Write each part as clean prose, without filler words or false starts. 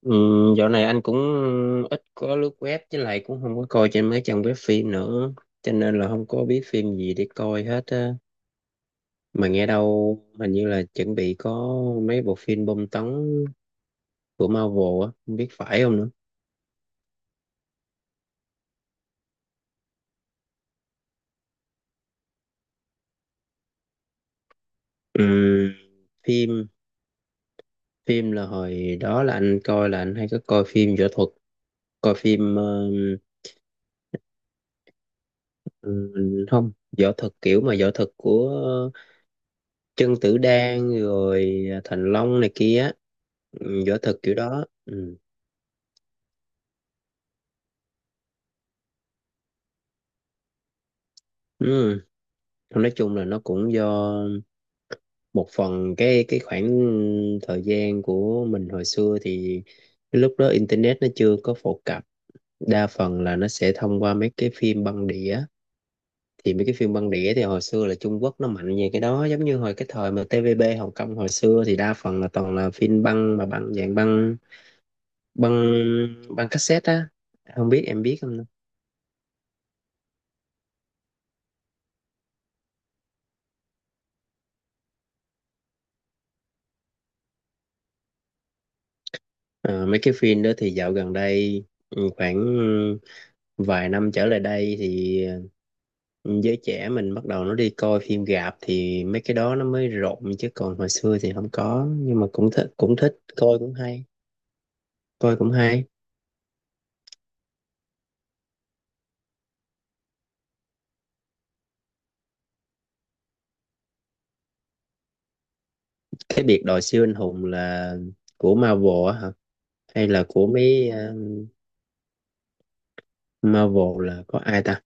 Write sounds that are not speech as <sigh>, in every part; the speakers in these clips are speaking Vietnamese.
Ừ, dạo này anh cũng ít có lướt web, với lại cũng không có coi trên mấy trang web phim nữa cho nên là không có biết phim gì để coi hết á. Mà nghe đâu hình như là chuẩn bị có mấy bộ phim bom tấn của Marvel á, không biết phải không nữa. Ừ, phim phim là hồi đó là anh coi, là anh hay có coi phim võ thuật, coi phim ừ, không, võ thuật kiểu mà võ thuật của Trần Tử Đan rồi, à, Thành Long này kia. Ừ, võ thuật kiểu đó, ừ. Ừ. Thôi nói chung là nó cũng do một phần cái khoảng thời gian của mình hồi xưa. Thì cái lúc đó internet nó chưa có phổ cập, đa phần là nó sẽ thông qua mấy cái phim băng đĩa. Thì mấy cái phim băng đĩa thì hồi xưa là Trung Quốc nó mạnh về cái đó, giống như hồi cái thời mà TVB Hồng Kông hồi xưa thì đa phần là toàn là phim băng, mà băng dạng băng băng băng cassette á, không biết em biết không ta? Ờ, mấy cái phim đó thì dạo gần đây, ừ, khoảng vài năm trở lại đây thì ừ, giới trẻ mình bắt đầu nó đi coi phim rạp thì mấy cái đó nó mới rộn, chứ còn hồi xưa thì không có, nhưng mà cũng thích coi, cũng hay coi cũng hay. Cái biệt đội siêu anh hùng là của Marvel á hả? Hay là của mấy, Marvel là có ai ta?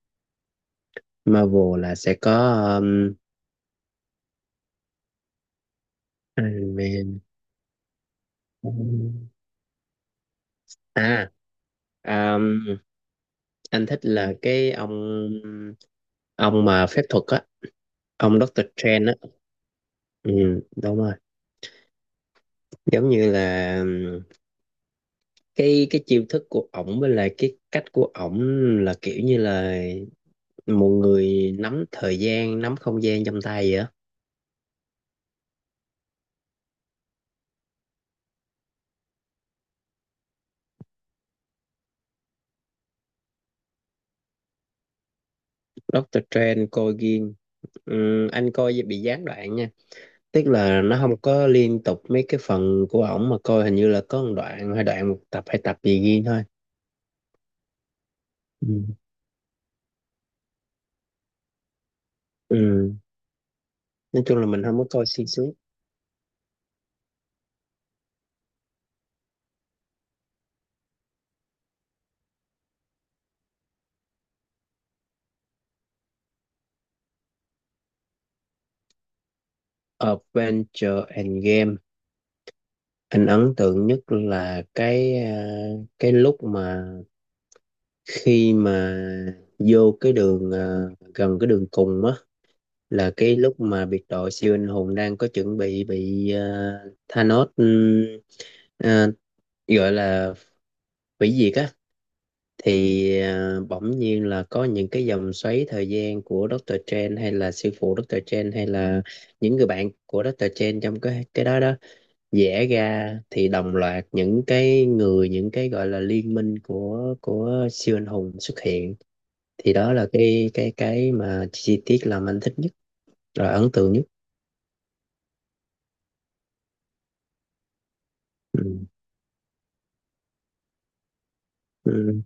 Marvel là sẽ có, um, Iron Man. À, um, anh thích là cái ông mà phép thuật á. Ông Doctor Strange á, ừ, đúng rồi. Giống như là cái chiêu thức của ổng với lại cái cách của ổng là kiểu như là một người nắm thời gian, nắm không gian trong tay vậy á. Doctor Strange coi ghiêng. Anh coi vậy bị gián đoạn nha, tức là nó không có liên tục mấy cái phần của ổng. Mà coi hình như là có một đoạn hay đoạn, một tập hay tập gì ghiêng thôi. Ừ. Ừ. Nói chung là mình không có coi xuyên suốt. Adventure Endgame, anh ấn tượng nhất là cái lúc mà, khi mà vô cái đường, à, gần cái đường cùng á, là cái lúc mà biệt đội siêu anh hùng đang có chuẩn bị Thanos, à, gọi là hủy diệt á. Thì à, bỗng nhiên là có những cái dòng xoáy thời gian của Doctor Strange, hay là sư phụ Doctor Strange, hay là những người bạn của Doctor Strange trong cái đó đó vẽ ra, thì đồng loạt những cái người, những cái gọi là liên minh của siêu anh hùng xuất hiện. Thì đó là cái mà chi tiết làm anh thích nhất rồi, ấn tượng nhất. Ừ. Ừ.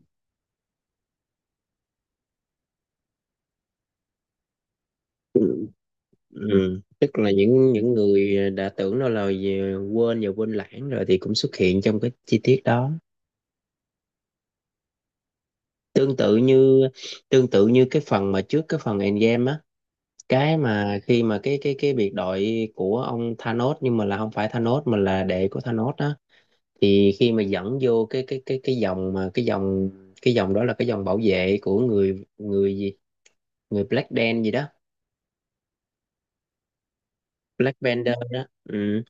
Ừ. Tức là những người đã tưởng đâu là quên và quên lãng rồi thì cũng xuất hiện trong cái chi tiết đó. Tương tự như tương tự như cái phần mà trước cái phần Endgame á. Cái mà khi mà cái biệt đội của ông Thanos, nhưng mà là không phải Thanos, mà là đệ của Thanos á. Thì khi mà dẫn vô cái dòng, mà cái dòng đó là cái dòng bảo vệ của người người gì người Black Dan gì đó. Black Panther đó, ừ.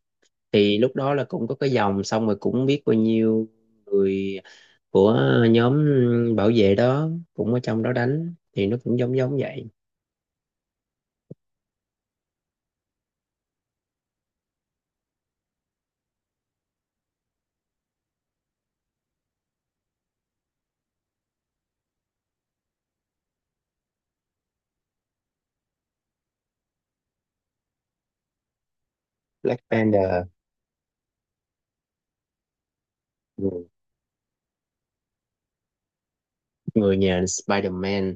Thì lúc đó là cũng có cái dòng, xong rồi cũng biết bao nhiêu người của nhóm bảo vệ đó cũng ở trong đó đánh, thì nó cũng giống giống vậy. Black Panther, ừ. Người nhà Spider-Man,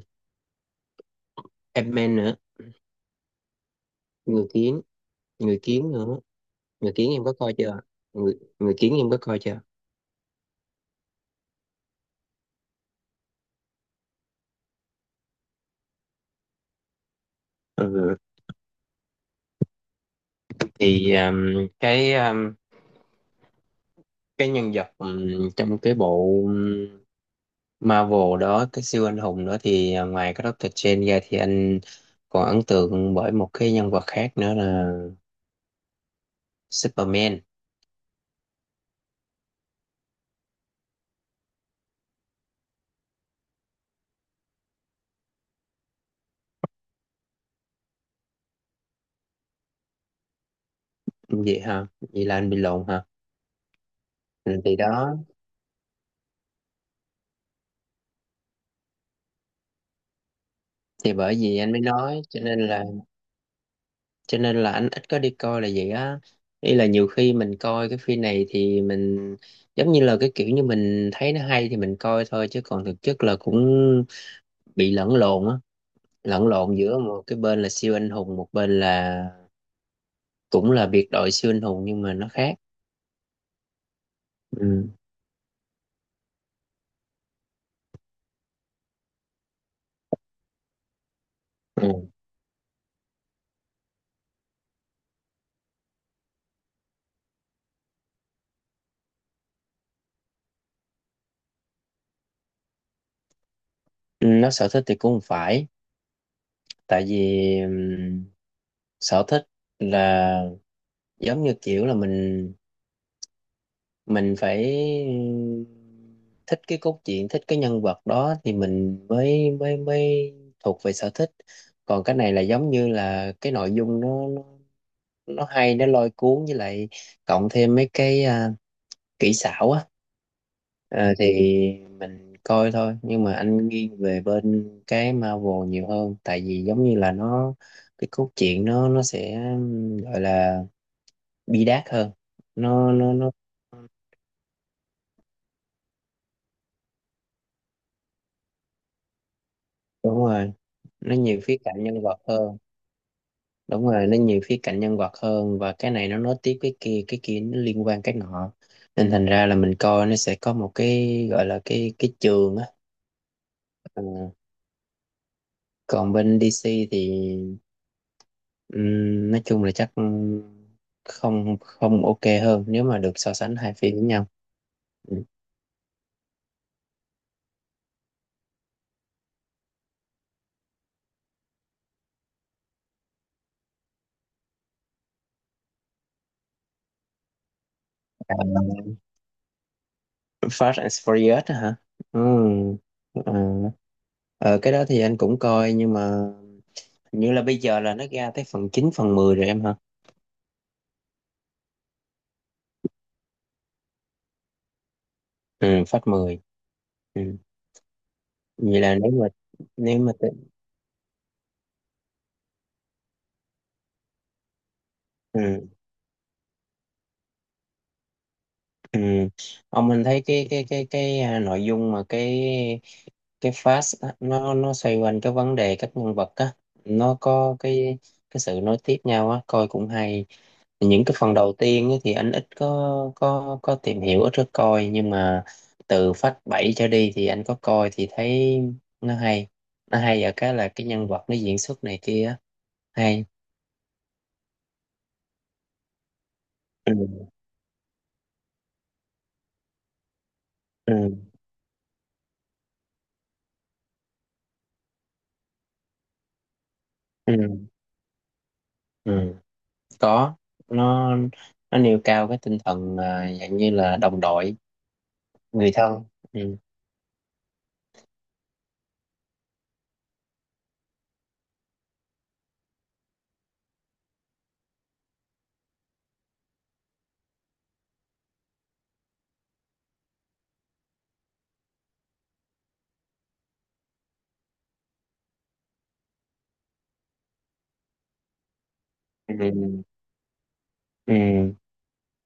Ant-Man nữa. Người kiến, người kiến nữa. Người kiến em có coi chưa? Người kiến em có coi chưa? Ừ. Thì cái, cái nhân vật trong cái bộ Marvel đó, cái siêu anh hùng đó thì à, ngoài cái Doctor Strange ra, thì anh còn ấn tượng bởi một cái nhân vật khác nữa là Superman. Vậy ha, vậy là anh bị lộn hả? Ừ, thì đó. Thì bởi vì anh mới nói cho nên là, anh ít có đi coi là vậy á. Ý là nhiều khi mình coi cái phim này thì mình giống như là cái kiểu như mình thấy nó hay thì mình coi thôi, chứ còn thực chất là cũng bị lẫn lộn á. Lẫn lộn giữa một cái bên là siêu anh hùng, một bên là cũng là biệt đội siêu anh hùng nhưng mà nó khác, ừ. Ừ. Nó sở thích thì cũng không phải, tại vì sở thích là giống như kiểu là mình phải thích cái cốt truyện, thích cái nhân vật đó thì mình mới mới mới thuộc về sở thích. Còn cái này là giống như là cái nội dung nó hay, nó lôi cuốn, với lại cộng thêm mấy cái, à, kỹ xảo á. Ờ, thì mình coi thôi, nhưng mà anh nghiêng về bên cái Marvel nhiều hơn, tại vì giống như là nó, cái cốt truyện nó sẽ gọi là bi đát hơn, nó. Đúng rồi, nó nhiều khía cạnh nhân vật hơn. Đúng rồi, nó nhiều khía cạnh nhân vật hơn, và cái này nó nối tiếp cái kia, cái kia nó liên quan cái nọ. Nên thành ra là mình coi nó sẽ có một cái gọi là cái trường á. Ừ. Còn bên DC thì ừm, nói chung là chắc không không ok hơn nếu mà được so sánh hai phim với nhau. <laughs> Ừm. À, Fast and Furious á hả? Ừ. ờ, ờ, cái đó thì anh cũng coi, nhưng mà hình như là bây giờ là nó ra tới phần 9 phần 10 rồi em hả? Ừ, Fast 10. Ừ. Vậy là nếu mà, nếu mà tự- ừ, ừ. Ông anh thấy cái à, nội dung mà cái fast á, nó xoay quanh cái vấn đề các nhân vật á, nó có cái sự nối tiếp nhau á, coi cũng hay. Những cái phần đầu tiên á thì anh ít có tìm hiểu, ít có coi, nhưng mà từ phát 7 trở đi thì anh có coi thì thấy nó hay. Nó hay ở cái là cái nhân vật nó diễn xuất này kia á. Hay. Ừ, ừ, ừ, ừ. Có, nó nó nêu cao cái tinh thần, à, dạng như là đồng đội, người thân, ừ, ừ, ừ.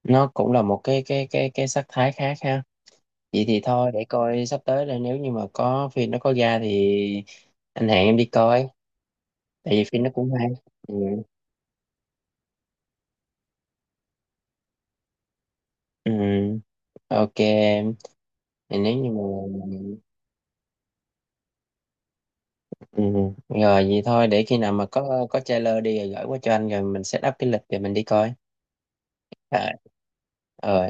Nó cũng là một cái sắc thái khác ha. Vậy thì thôi, để coi sắp tới là nếu như mà có phim nó có ra thì anh hẹn em đi coi, tại vì phim nó cũng hay, ừ. Ừ. Ok em. Thì nếu như mà, ừ. Rồi vậy thôi, để khi nào mà có trailer đi rồi gửi qua cho anh, rồi mình set up cái lịch rồi mình đi coi. Rồi. Ờ.